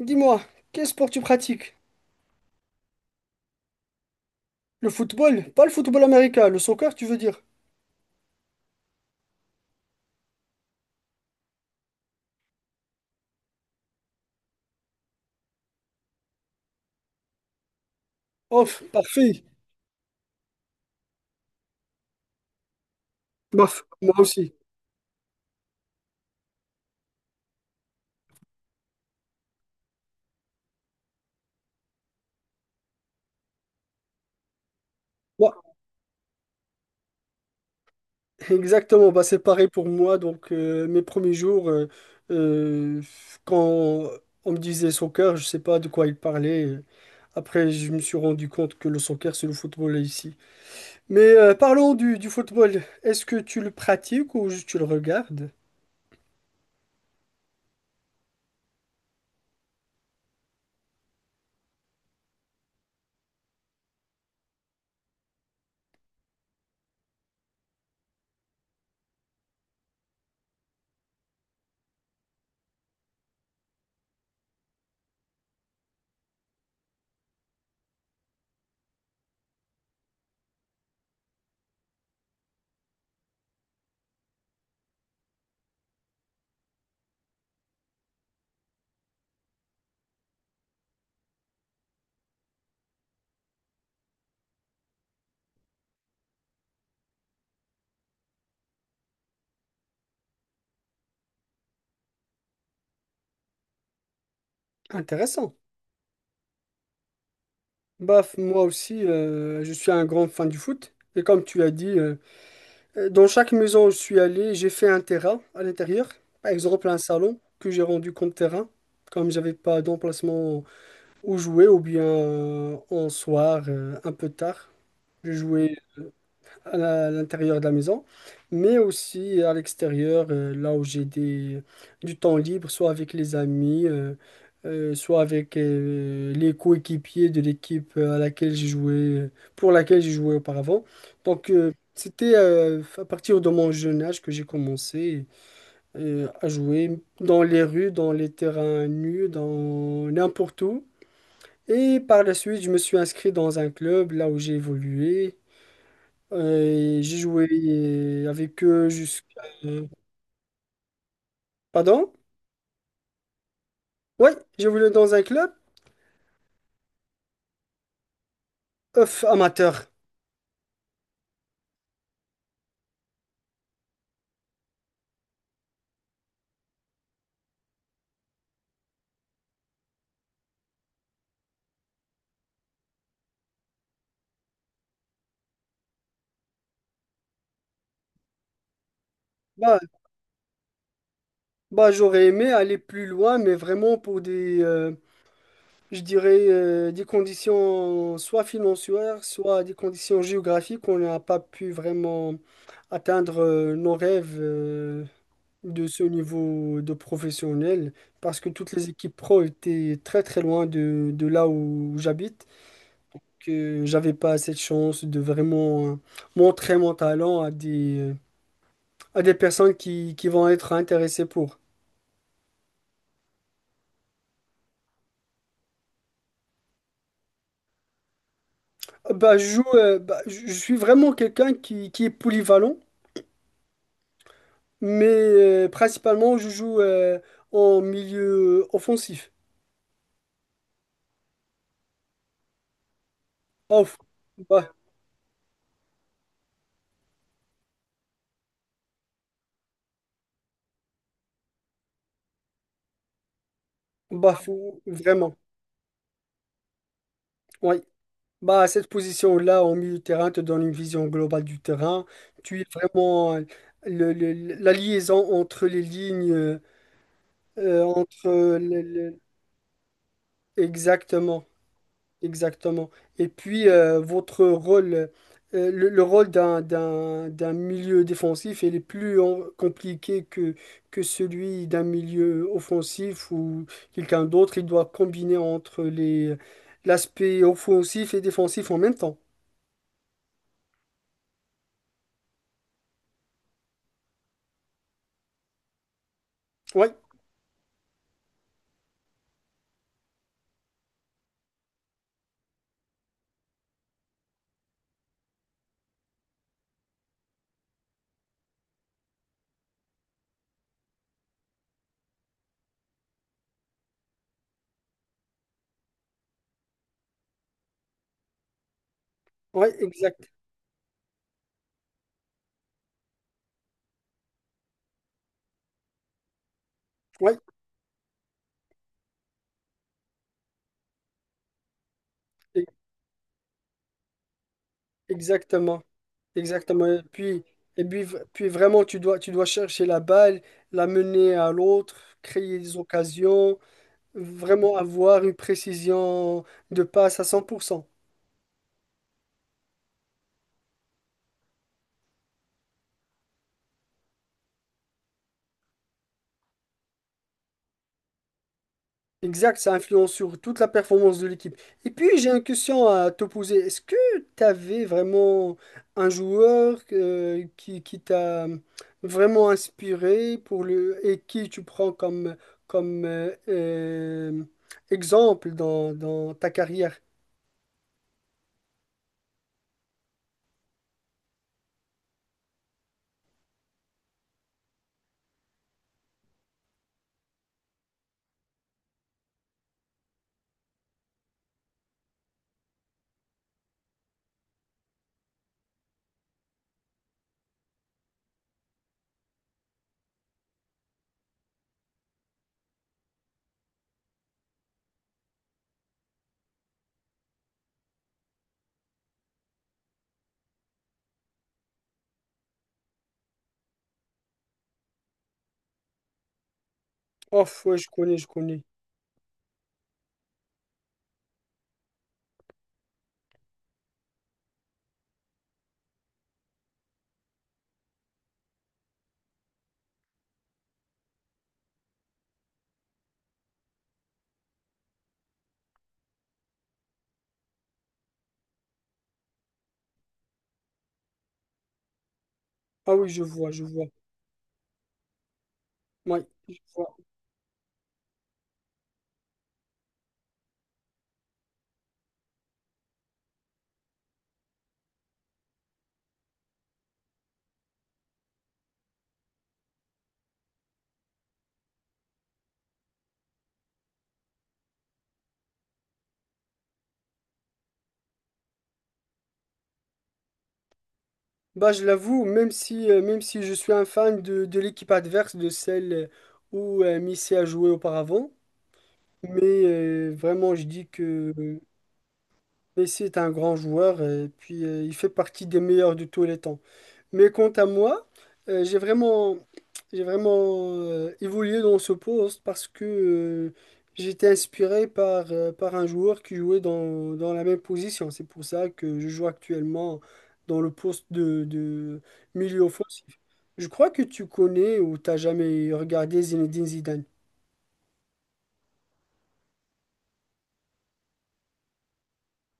Dis-moi, quel sport tu pratiques? Le football? Pas le football américain, le soccer, tu veux dire? Oh, parfait. Bof, moi aussi. Moi, exactement, bah, c'est pareil pour moi. Donc, mes premiers jours, euh, quand on me disait soccer, je sais pas de quoi il parlait. Après, je me suis rendu compte que le soccer, c'est le football ici. Mais parlons du football. Est-ce que tu le pratiques ou juste tu le regardes? Intéressant. Bah, moi aussi, je suis un grand fan du foot. Et comme tu as dit, dans chaque maison où je suis allé, j'ai fait un terrain à l'intérieur, par exemple un salon que j'ai rendu comme terrain, comme j'avais pas d'emplacement où jouer, ou bien en soir, un peu tard. Je jouais à l'intérieur de la maison, mais aussi à l'extérieur, là où j'ai du temps libre, soit avec les amis, soit avec les coéquipiers de l'équipe à laquelle j'ai joué, pour laquelle j'ai joué auparavant. Donc, c'était à partir de mon jeune âge que j'ai commencé à jouer dans les rues, dans les terrains nus, dans n'importe où. Et par la suite, je me suis inscrit dans un club, là où j'ai évolué. J'ai joué avec eux jusqu'à... Pardon? Oui, j'ai voulu dans un club off, amateur. Bah, bah, j'aurais aimé aller plus loin, mais vraiment pour je dirais, des conditions soit financières, soit des conditions géographiques, on n'a pas pu vraiment atteindre nos rêves de ce niveau de professionnel, parce que toutes les équipes pro étaient très très loin de là où j'habite. Que j'avais pas cette chance de vraiment montrer mon talent à à des personnes qui vont être intéressées pour. Bah, je joue, bah, je suis vraiment quelqu'un qui est polyvalent, mais principalement je joue en milieu offensif. Off. Bah, vraiment. Oui. Bah, cette position-là, en milieu de terrain, te donne une vision globale du terrain. Tu es vraiment la liaison entre les lignes. Entre exactement, exactement. Et puis, votre rôle, le rôle d'un milieu défensif, il est plus compliqué que celui d'un milieu offensif ou quelqu'un d'autre. Il doit combiner entre les, l'aspect offensif et défensif en même temps. Oui, oui, exact. Oui, e- exactement, exactement. Et puis vraiment, tu dois chercher la balle, la mener à l'autre, créer des occasions. Vraiment avoir une précision de passe à 100%. Exact, ça influence sur toute la performance de l'équipe. Et puis, j'ai une question à te poser. Est-ce que tu avais vraiment un joueur qui t'a vraiment inspiré pour le, et qui tu prends comme, comme exemple dans ta carrière? Oh, ouais, je connais, je connais. Ah oui, je vois, je vois. Oui, je vois. Bah, je l'avoue, même si je suis un fan de l'équipe adverse, de celle où Messi a joué auparavant, mais vraiment, je dis que Messi est un grand joueur et puis il fait partie des meilleurs de tous les temps. Mais quant à moi, euh, j'ai vraiment, j'ai vraiment évolué dans ce poste parce que j'étais inspiré par, par un joueur qui jouait dans la même position. C'est pour ça que je joue actuellement dans le poste de milieu offensif. Je crois que tu connais ou t'as jamais regardé Zinedine Zidane.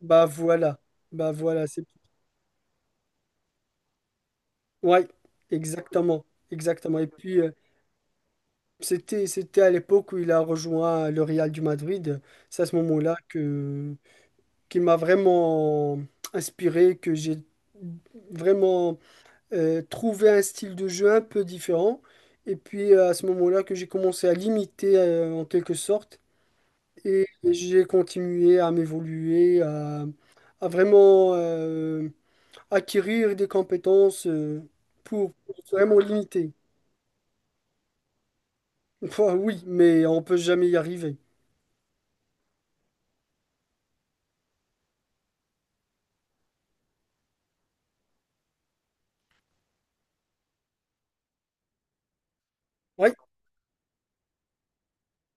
Bah voilà, bah voilà, c'est... Ouais, exactement, exactement. Et puis, c'était, c'était à l'époque où il a rejoint le Real du Madrid. C'est à ce moment-là que qu'il m'a vraiment inspiré, que j'ai vraiment trouvé un style de jeu un peu différent. Et puis à ce moment-là que j'ai commencé à l'imiter en quelque sorte. Et j'ai continué à m'évoluer, à vraiment acquérir des compétences pour vraiment l'imiter. Enfin, oui, mais on peut jamais y arriver.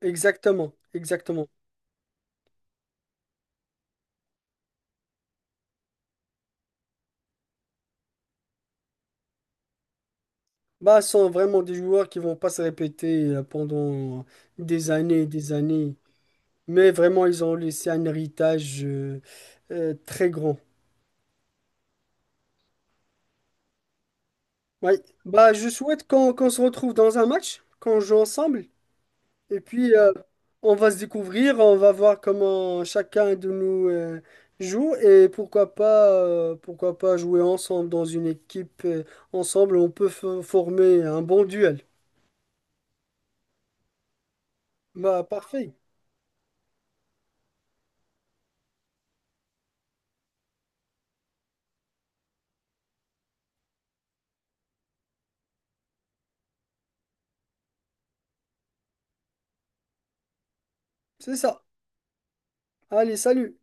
Exactement, exactement. Bah, ce sont vraiment des joueurs qui vont pas se répéter pendant des années et des années. Mais vraiment, ils ont laissé un héritage très grand. Oui. Bah, je souhaite qu'on se retrouve dans un match, qu'on joue ensemble. Et puis, on va se découvrir, on va voir comment chacun de nous joue. Et pourquoi pas jouer ensemble dans une équipe. Ensemble, on peut former un bon duel. Bah, parfait. C'est ça. Allez, salut!